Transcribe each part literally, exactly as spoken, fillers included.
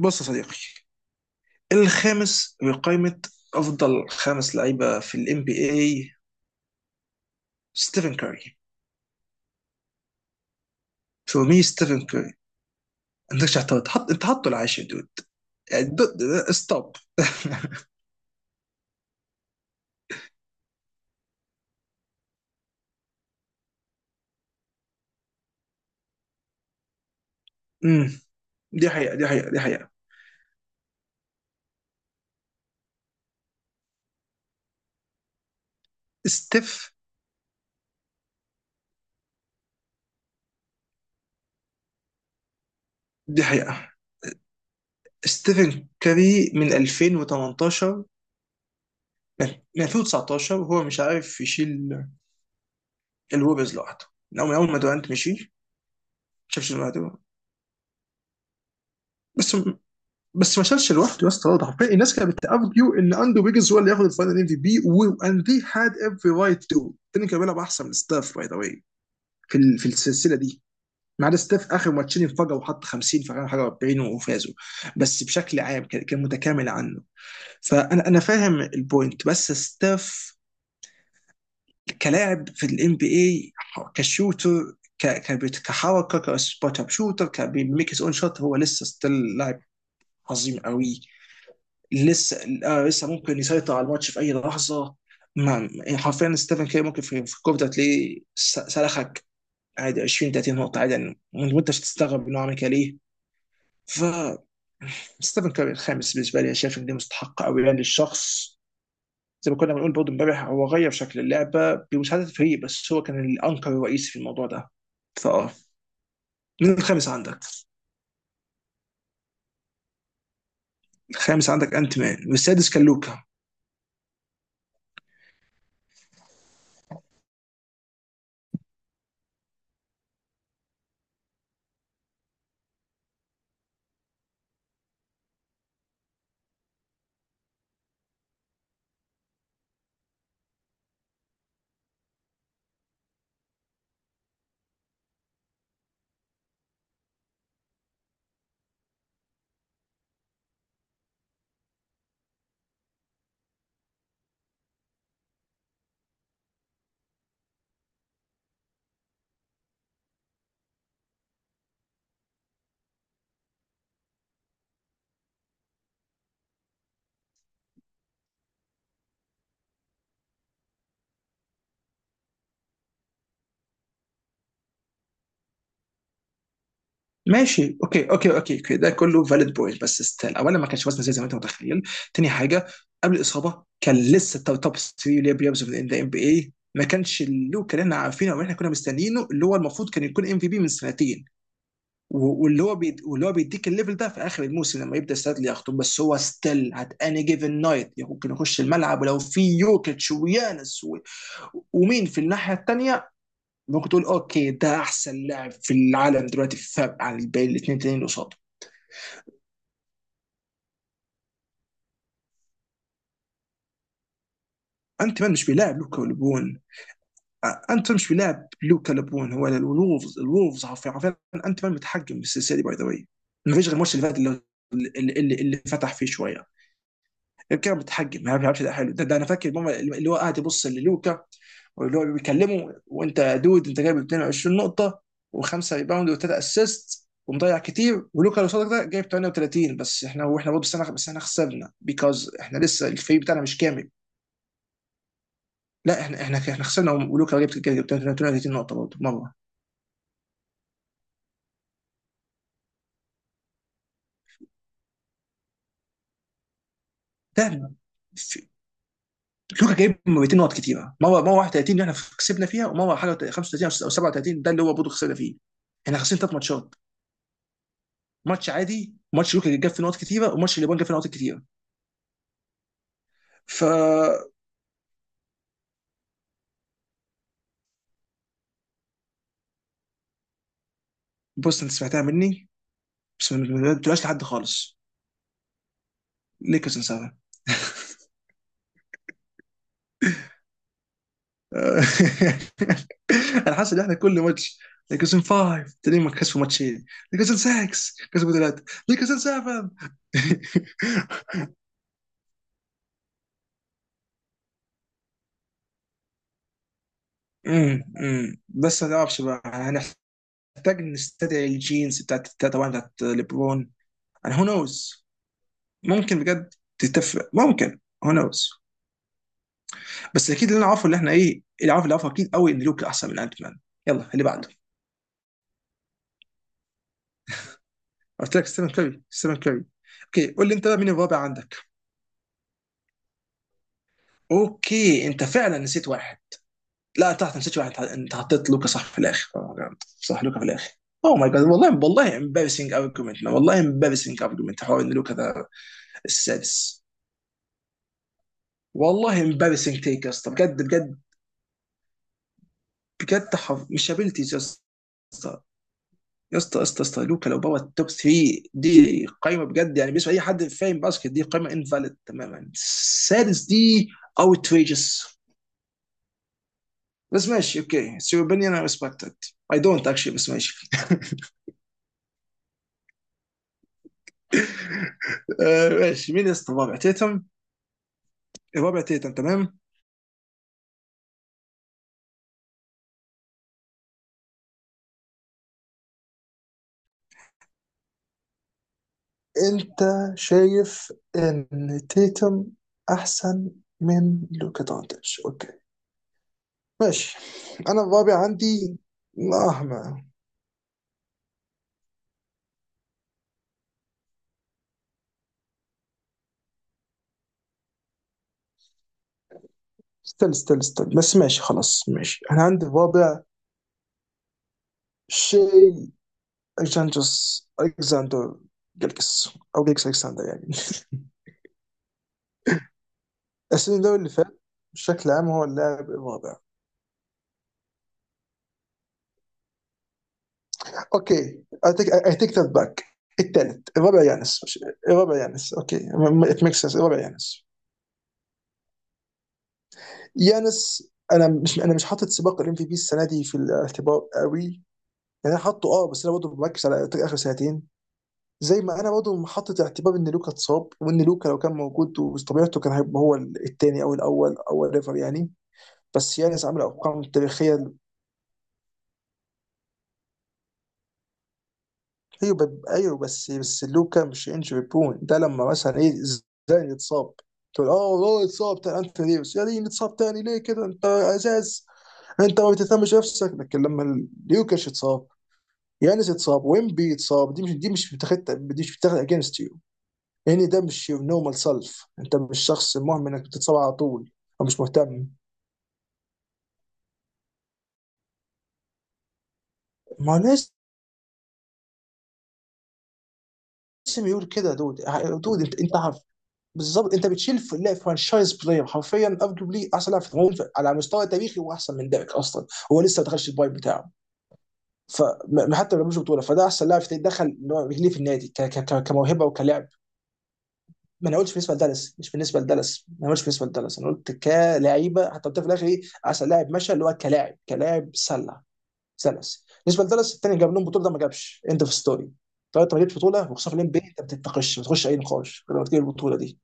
بص يا صديقي، الخامس بقائمة أفضل خمس لعيبة في ال إن بي إيه ستيفن كاري. فور مي ستيفن كاري ما عندكش اعتراض، حط أنت، حطه العاشر دود، يعني دود ستوب. أمم، دي حقيقة، دي حقيقة، دي حقيقة. ستيف دي حقيقة. ستيفن كاري من ألفين وتمنتاشر، من من ألفين وتسعتاشر وهو مش عارف يشيل الويبرز لوحده من أول من أول ما دورانت مشي. ما شافش لوحده. بس بس ما شالش لوحده يا اسطى، برضه حرفيا الناس كانت بتارجيو ان اندرو ويجنز هو اللي ياخد الفاينل ام في بي، واند ذي هاد افري رايت تو، التاني كان بيلعب احسن من ستاف باي ذا واي في ال- في السلسله دي. ما عدا ستاف، اخر ماتشين انفجروا وحط خمسين في اخر حاجه أربعين وفازوا. بس بشكل عام كان كان متكامل عنه. فانا انا فاهم البوينت، بس ستاف كلاعب في الام بي اي، كشوتر، ك- كبت- كحركه، كسبوت اب شوتر، كبيميك هيز اون شوت، هو لسه ستيل لاعب عظيم قوي. لسه آه لسه ممكن يسيطر على الماتش في اي لحظه. ما يعني حرفيا ستيفن كير ممكن في في الكوره ده تلاقيه س- سلخك عادي عشرين تلاتين نقطه عادي يعني، وانت مش هتستغرب انه عمل كده ليه. ف ستيفن كير الخامس بالنسبه لي، أنا شايف ان دي مستحقه قوي يعني للشخص. زي ما كنا بنقول برضه امبارح، هو غير شكل اللعبه بمساعده الفريق، بس هو كان الانكر الرئيسي في الموضوع ده. فاه. مين الخامس عندك؟ الخامس عندك انت مان، والسادس كان لوكا. ماشي، اوكي اوكي اوكي اوكي، ده كله فاليد بوينت، بس ستيل اولا ما كانش وزنه زي زي ما انت متخيل. تاني حاجه، قبل الاصابه كان لسه توب توب تلاته اللي بيلعبوا في الان بي اي، ما كانش اللوك اللي احنا عارفينه او احنا كنا مستنيينه، اللي هو المفروض كان يكون ام في بي من سنتين، و- واللي هو بيد... واللي هو بيديك الليفل ده في اخر الموسم، لما يبدا ستادلي يخطب، بس هو ستيل هات اني جيفن نايت ممكن يخش الملعب ولو في يوكيتش ويانس و... ومين في الناحيه الثانيه ممكن تقول اوكي ده احسن لاعب في العالم دلوقتي، في فرق عن الباقي الاثنين التانيين اللي قصاده. انت مان مش بيلاعب لوكا ولبون، انت مش بيلاعب لوكا لبون، هو الولفز، الولفز حرفيا حرفيا. انت مان متحكم بالسلسله دي باي ذا واي. ما فيش غير الماتش اللي فات، اللي, اللي, اللي فتح فيه شويه، غير كده بتحجم، ما بيلعبش. ده حلو، ده, ده انا فاكر ماما اللي هو قاعد يبص للوكا، واللي هو بيكلمه، وانت يا دود انت جايب اتنين وعشرين نقطه وخمسه ريباوند وثلاثه اسيست ومضيع كتير، ولوكا اللي قصادك ده جايب ثمانية وثلاثين، بس احنا، واحنا برضه سنه، بس احنا خسرنا بيكوز احنا لسه الفريق بتاعنا مش كامل. لا، احنا احنا احنا خسرنا ولوكا جايب جايب تمنيه وتلاتين نقطه برضه مره. ده في- لوكا جايب ميتين نقط كتيره، مره مره واحد وتلاتين اللي احنا كسبنا فيها، ومره حاجه خمسة وثلاثين او سبعه وتلاتين ده اللي هو برضه خسرنا فيه. احنا خسرنا ثلاث ماتشات، ماتش عادي، ماتش يوكي جاب فيه نقط كتيره، وماتش اليابان جاب فيه نقط كتيره. ف بص انت سمعتها مني، بس ما تقولهاش لحد خالص. ليكرز ان سبعه. انا حاسس ان احنا كل ماتش، ليكرز ان خمسه تلاقيهم كسبوا ماتشين، ليكرز ان سته كسبوا ثلاثه، ليكرز ان سبعه. أمم، أمم. بس ما نعرفش بقى، هنحتاج نستدعي الجينز بتاعت بتاعت- طبعا بتاعت ليبرون. انا هو نوز، ممكن بجد تتفق، ممكن. هو نوز. بس اكيد اللي انا عارفه، اللي احنا ايه، اللي عارف اللي عارفه، اكيد قوي ان لوكا احسن من انت مان. يلا اللي بعده. قلت لك ستيفن كاري، ستيفن كاري. اوكي، قول لي انت بقى مين الرابع عندك. اوكي انت فعلا نسيت واحد. لا، تحت نسيت واحد، انت حطيت لوكا صح في الاخر. Oh my God. صح لوكا في الاخر. اوه ماي جاد، والله والله امبارسنج ارجيومنت، والله امبارسنج ارجيومنت، حوار ان لوكا ده السادس. والله امبارسنج تيك يا اسطى، بجد بجد. بجد حف... مش ابيلتيز يا اسطى، يا اسطى يا اسطى يا اسطى لوكا لو بابا التوب ثري، دي قايمه بجد يعني، بالنسبه لاي حد فاهم باسكت دي قايمه انفاليد تماما، السادس دي اوتريجس. بس ماشي، اوكي سير، اوبينيون اي ريسبكتد. اي دونت اكشلي، بس ماشي. آه، ماشي، مين يا اسطى الرابع؟ تيتم. الرابع تيتم تمام. انت شايف ان تيتم احسن من لوكا دونتش. اوكي ماشي. انا الرابع عندي، مهما. استنى استنى استنى، بس ماشي خلاص ماشي، انا عندي الرابع شيء اكسانجوس، الكساندر جلجس، او جلجس الكساندر يعني. السيزون ده اللي فات بشكل عام هو اللاعب الرابع. اوكي، اي تيك ذات باك. الثالث، الرابع يانس مش- الرابع يانس اوكي. ات ميك سنس الرابع يانس. يانس، انا مش انا مش حاطط سباق الام في بي السنه دي في الاعتبار قوي يعني. انا حاطه اه بس انا برضه بركز على اخر سنتين، زي ما انا برضه حاطط اعتبار ان لوكا اتصاب، وان لوكا لو كان موجود وطبيعته كان هيبقى هو الثاني او الاول او ايفر يعني. بس يانس عامل ارقام تاريخيه. ايوه ب- ايوه، بس بس لوكا مش انجري بون ده، لما مثلا ايه، زين يتصاب، تقول اه والله اتصاب تاني، انت ديفيس يا دين اتصاب تاني ليه كده، انت ازاز، انت ما بتهتمش نفسك. لكن لما ليوكاش اتصاب، يانس اتصاب، ويمبي اتصاب، دي مش دي مش بتاخد دي مش بتاخد اجينست يعني. ده مش your normal self، انت مش شخص مهم انك بتتصاب على طول او مش مهتم. ما لازم يقول كده يا دود، ع- دود، انت انت عارف بالظبط، انت بتشيل في لا فرانشايز بلاير، حرفيا ارجوبلي احسن لاعب في الهجوم على مستوى تاريخي، واحسن من ديريك اصلا. هو لسه ما دخلش البايب بتاعه. فحتى ما جابش بطوله، فده احسن لاعب في- دخل اللي هو رجليه في النادي ك- ك- ك- كموهبه وكلاعب. ما انا قلتش بالنسبه لدالاس، مش بالنسبه لدالاس. ما انا قلتش بالنسبه لدالاس، انا قلت كلاعيبه. حتى قلت في الاخر ايه احسن لاعب مشى، اللي هو كلاعب كلاعب سله، سلس بالنسبه لدالاس. الثاني جاب لهم بطوله، ده ما جابش. اند اوف ستوري. طب انت ما جبتش بطوله، وخصوصا في الام بي، انت ما بتتناقش، ما بتخش اي نقاش لما تجيب البطوله دي.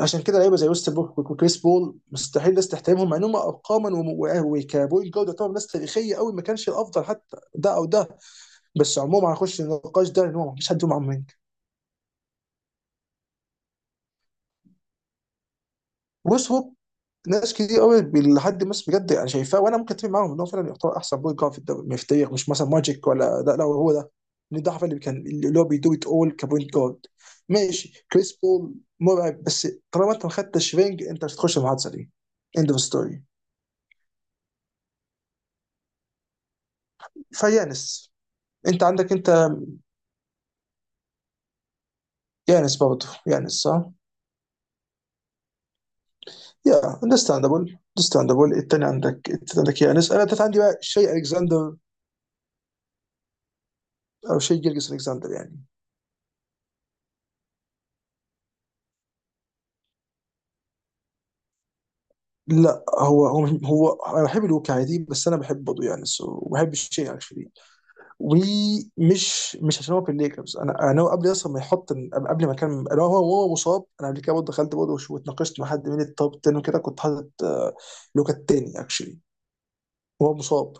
عشان كده لعيبه زي ويست بوك وكريس بول مستحيل الناس تحترمهم مع انهم ارقاما، وكبوينت جارد يعتبر ناس تاريخيه قوي، ما كانش الافضل حتى ده او ده. بس عموما هنخش النقاش ده ان هو ما فيش حد فيهم. بص هو، ناس كتير قوي بال- لحد ما بجد يعني شايفاه، وانا ممكن اتفق معاهم ان هو فعلا يعتبر احسن بوينت جارد في الدوري، مش في التاريخ، مش مثلا ماجيك، ولا لا لا هو ده. ان ده حرفيا اللي كان اللي هو بيدو ات اول كبوينت جارد. ماشي كريس بول مرعب، بس طالما انت ما خدتش رينج، انت مش هتخش المحادثه دي. اند اوف ستوري. فيانس. انت عندك انت، يانس برضه، يانس صح؟ يا اندستاندابل، اندستاندابل. التاني عندك، التاني عندك يانس، انا التالت عندي بقى شيء الكسندر، او شيء جيرجس الكسندر يعني. لا، هو هو هو انا بحب الواقعيه دي، بس انا بحب برضه يعني، سو بحب الشيء اكشلي. ومش مش عشان هو في الليكرز، انا انا هو قبل اصلا ما يحط، قبل ما كان انا، هو هو مصاب، انا قبل كده برضه دخلت برضه، وش- واتناقشت مع حد من التوب تن وكده كنت حاطط آه، لوكا التاني اكشلي، وهو مصاب.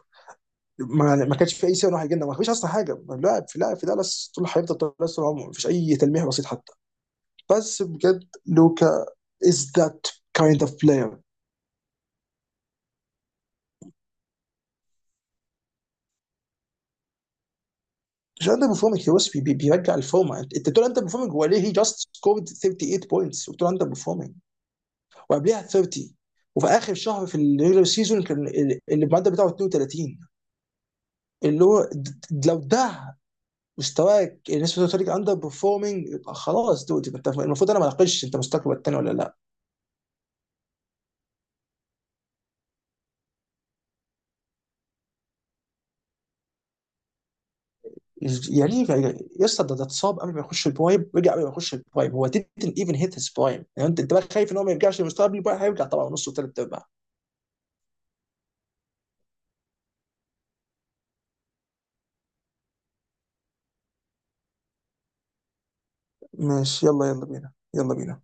ما ما كانش في اي سبب إن واحد يجينا، ما فيش اصلا حاجه، لاعب في لاعب في دالاس طول، هيفضل دالاس طول عمره، ما فيش اي تلميح بسيط حتى. بس بجد لوكا از ذات كايند اوف بلاير. مش اندر بيرفورمينج، هو بس بي- بيرجع الفورمه. انت انت بتقول اندر بيرفورمينج، هو ليه هي جاست سكورد تمنيه وتلاتين بوينتس وبتقول اندر بيرفورمينج، وقبلها تلاتين. وفي اخر شهر في الريجولر سيزون كان ال- المعدل بتاعه اثنين وثلاثين. اللي هو د- لو ده مستواك الناس بتقول لك اندر بيرفورمينج، يبقى خلاص دود، يبقى انت المفروض، انا ما اناقشش انت مستواك الثاني ولا لا. يعني ايه؟ يعني يا اسطى، ده ده اتصاب قبل ما يخش البرايم، رجع قبل ما يخش البرايم، هو didn't even hit his prime يعني. انت انت بقى خايف ان هو ما يرجعش لمستوى قبل البرايم، هيرجع طبعا نص وثلاث ارباع. ماشي يلا يلا بينا يلا بينا.